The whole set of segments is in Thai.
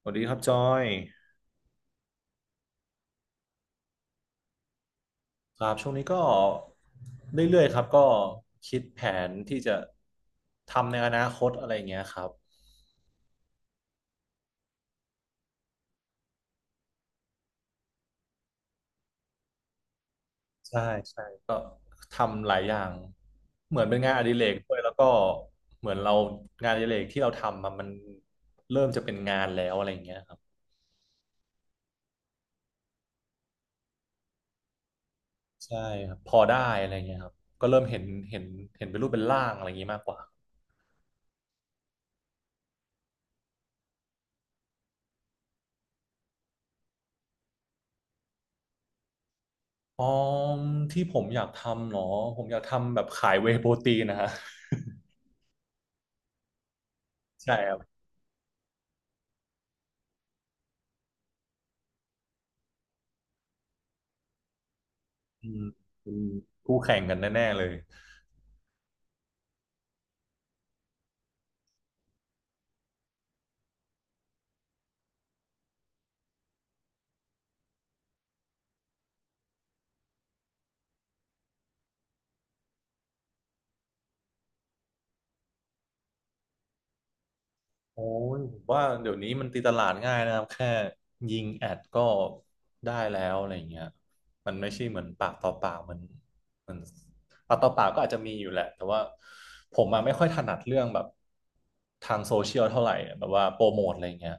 สวัสดีครับจอยครับช่วงนี้ก็เรื่อยๆครับก็คิดแผนที่จะทำในอนาคตอะไรอย่างเงี้ยครับใช่ใช่ทำหลายอย่างเหมือนเป็นงานอดิเรกด้วยแล้วก็เหมือนเรางานอดิเรกที่เราทำอะมันเริ่มจะเป็นงานแล้วอะไรอย่างเงี้ยครับใช่ครับพอได้อะไรอย่างเงี้ยครับก็เริ่มเห็นเห็นเป็นรูปเป็นร่างอะไรอย่างงี้มากกว่าอ๋อที่ผมอยากทำเหรอผมอยากทำแบบขายเวย์โปรตีนนะฮะใช่ครับ อืมเป็นคู่แข่งกันแน่ๆเลยโอ้ยผมว่าเดี๋ยวนี้มันตีตลาดง่ายนะครับแค่ยิงแอดก็ได้แล้วอะไรอย่างเงี้ยมันไม่ใช่เหมือนปากต่อปากเหมันปากต่อปากก็อาจจะมีอยู่แหละแต่ว่าผมมาไม่ค่อยถนัดเรื่องแบบทางโซเชียลเท่าไหร่แบบว่าโปรโมทอะไรอย่างเงี้ย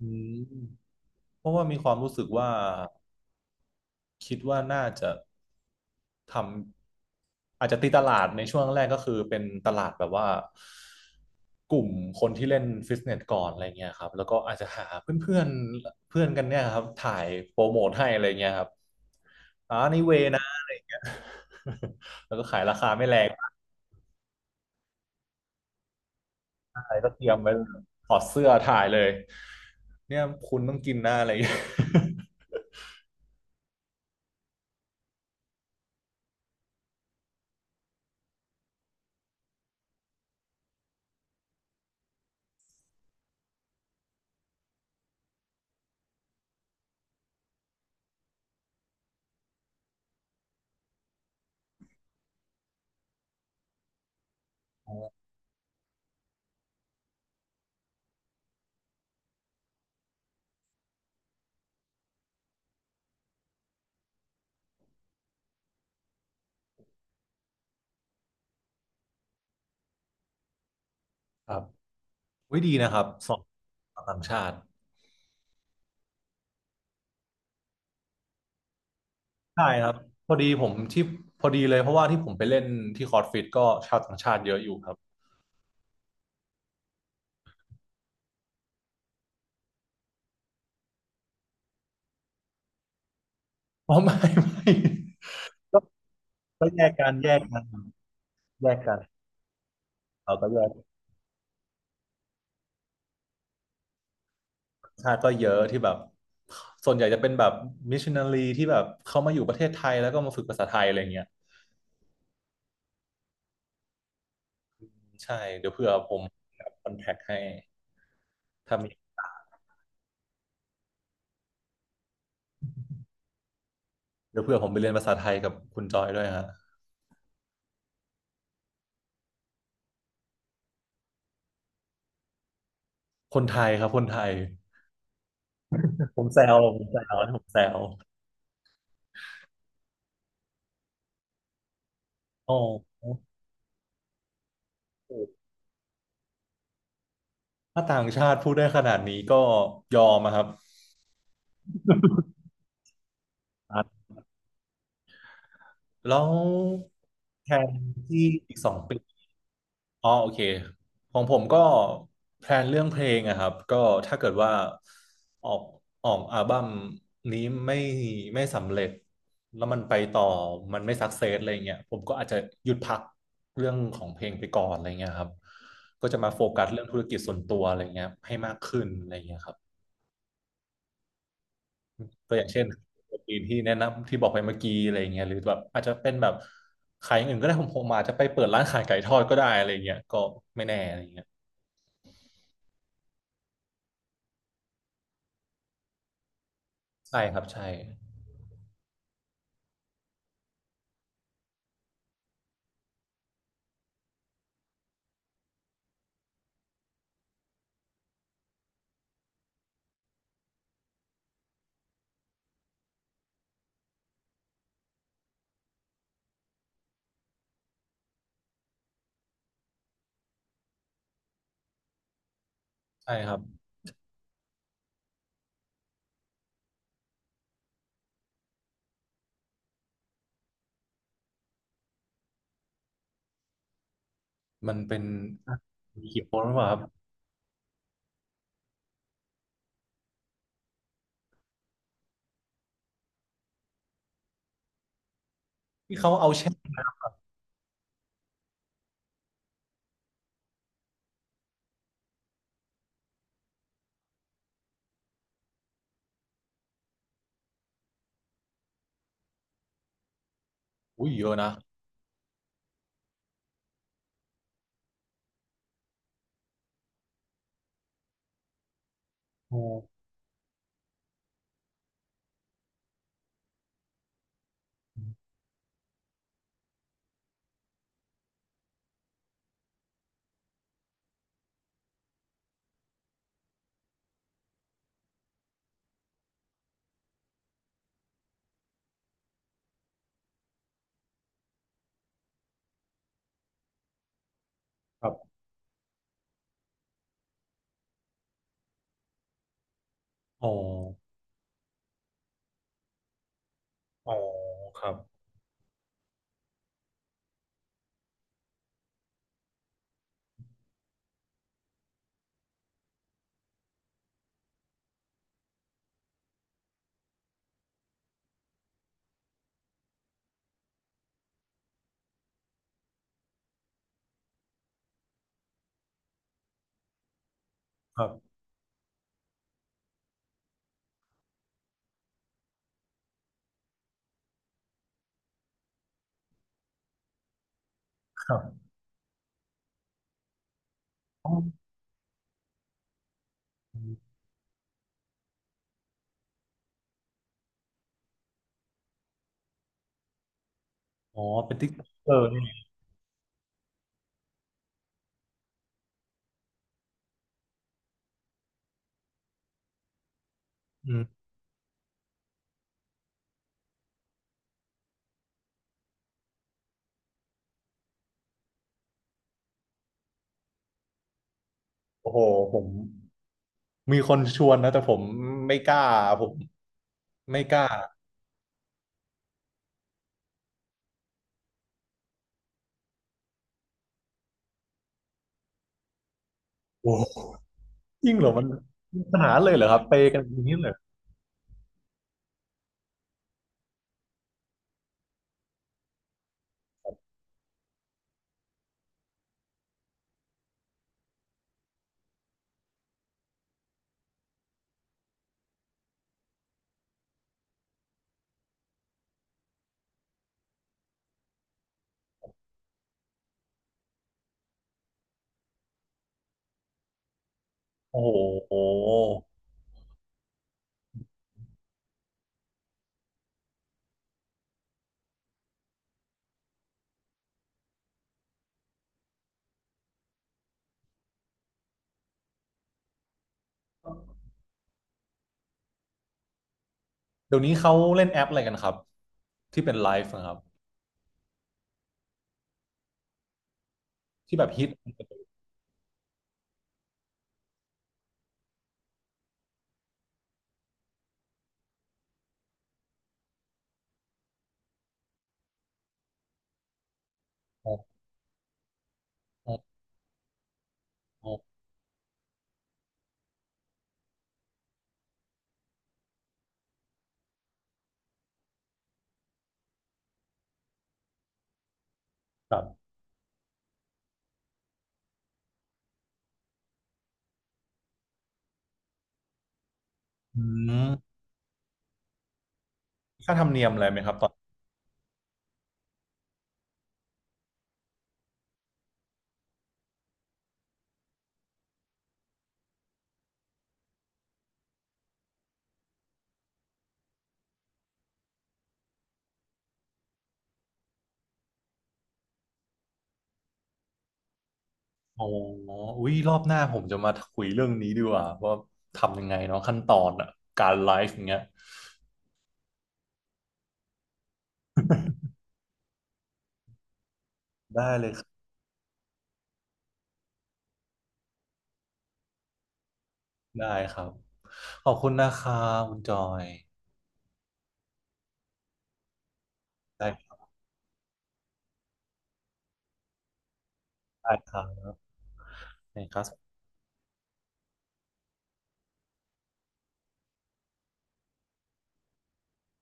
อืมเพราะว่ามีความรู้สึกว่าคิดว่าน่าจะทำ อาจจะตีตลาดในช่วงแรกก็คือเป็นตลาดแบบว่ากลุ่มคนที่เล่นฟิตเนสก่อนอะไรเงี้ยครับแล้วก็อาจจะหาเพื่อนเพื่อนเพื่อนกันเนี่ยครับถ่ายโปรโมทให้อะไรเงี้ยครับ แล้วก็ขายราคาไม่แรงอะไรก็เตรียมไว้เลยถอดเสื้อถ่ายเลยเนี่ยคุณต้องกินหน้าอะไรเงี้ย ครับวิดีนะครับสองชาวต่างชาติใช่ครับพอดีผมที่พอดีเลยเพราะว่าที่ผมไปเล่นที่คอร์สฟิตก็ชาวต่างชาติเยอะอยู่ครับ อ๋อไม่ไม่ก็ก็แยกกันแยกกันแยกกันเราก็แยกชาติก็เยอะที่แบบส่วนใหญ่จะเป็นแบบมิชชันนารีที่แบบเขามาอยู่ประเทศไทยแล้วก็มาฝึกภาษาไทยอะไรเงี้ยใช่เดี๋ยวเผื่อผมคอนแทคให้ถ้ามีเดี๋ยวเผื่อผมไปเรียนภาษาไทยกับคุณจอยด้วยฮะคนไทยครับคนไทยผมแซวผมแซวผมแซวโอ้ถ้าต่างชาติพูดได้ขนาดนี้ก็ยอมอะครับแล้วแทนที่อีก2 ปี อ๋อโอเคของผมก็แพลนเรื่องเพลงอะครับก็ถ้าเกิดว่าออกออกอัลบั้มนี้ไม่ไม่สำเร็จแล้วมันไปต่อมันไม่สักเซสอะไรเงี้ยผมก็อาจจะหยุดพักเรื่องของเพลงไปก่อนอะไรเงี้ยครับก็จะมาโฟกัสเรื่องธุรกิจส่วนตัวอะไรเงี้ยให้มากขึ้นอะไรเงี้ยครับก็อย่างเช่นปีที่แนะนำที่บอกไปเมื่อกี้อะไรเงี้ยหรือแบบอาจจะเป็นแบบขายอย่างอื่นก็ได้ผมผมอาจจะไปเปิดร้านขายไก่ทอดก็ได้อะไรเงี้ยก็ไม่แน่อะไรเงี้ยใช่ครับใช่ ใช่ครับ มันเป็นอเขียวหรือเปล่าครับที่เขาเอาแช่อุ้ยเยอะนะโอ้ครับอ๋ออ๋อครับครับครับอ๋ออ๋อเป็นติ๊กเออร์นี่อืมโอ้โหผมมีคนชวนนะแต่ผมไม่กล้าผมไม่กล้าโอ้โหยิ่งเหรอมันขนาดนั้นเลยเหรอครับเปย์กันอย่างนี้เลยเหรอโอ้โหเดี๋ยวนี้เขาเล่นแอปอะไรกันครับที่เป็นไลฟ์อะครับที่แบบฮิตอ๋ออ๋ออ๋อครับอืม ค่าธรรมเนียมอะไรไหมครับตอนอ๋ออุ้ยรอบหน้าผมจะมาคุยเรื่องนี้ดีกว่าว่าทำยังไงเนาะขั้นตอนอะการไลฟ์อย่างเงี้ยได้เลยครับได้ครับขอบคุณนะครับคุณจอยได้ได้ครับได้ครับ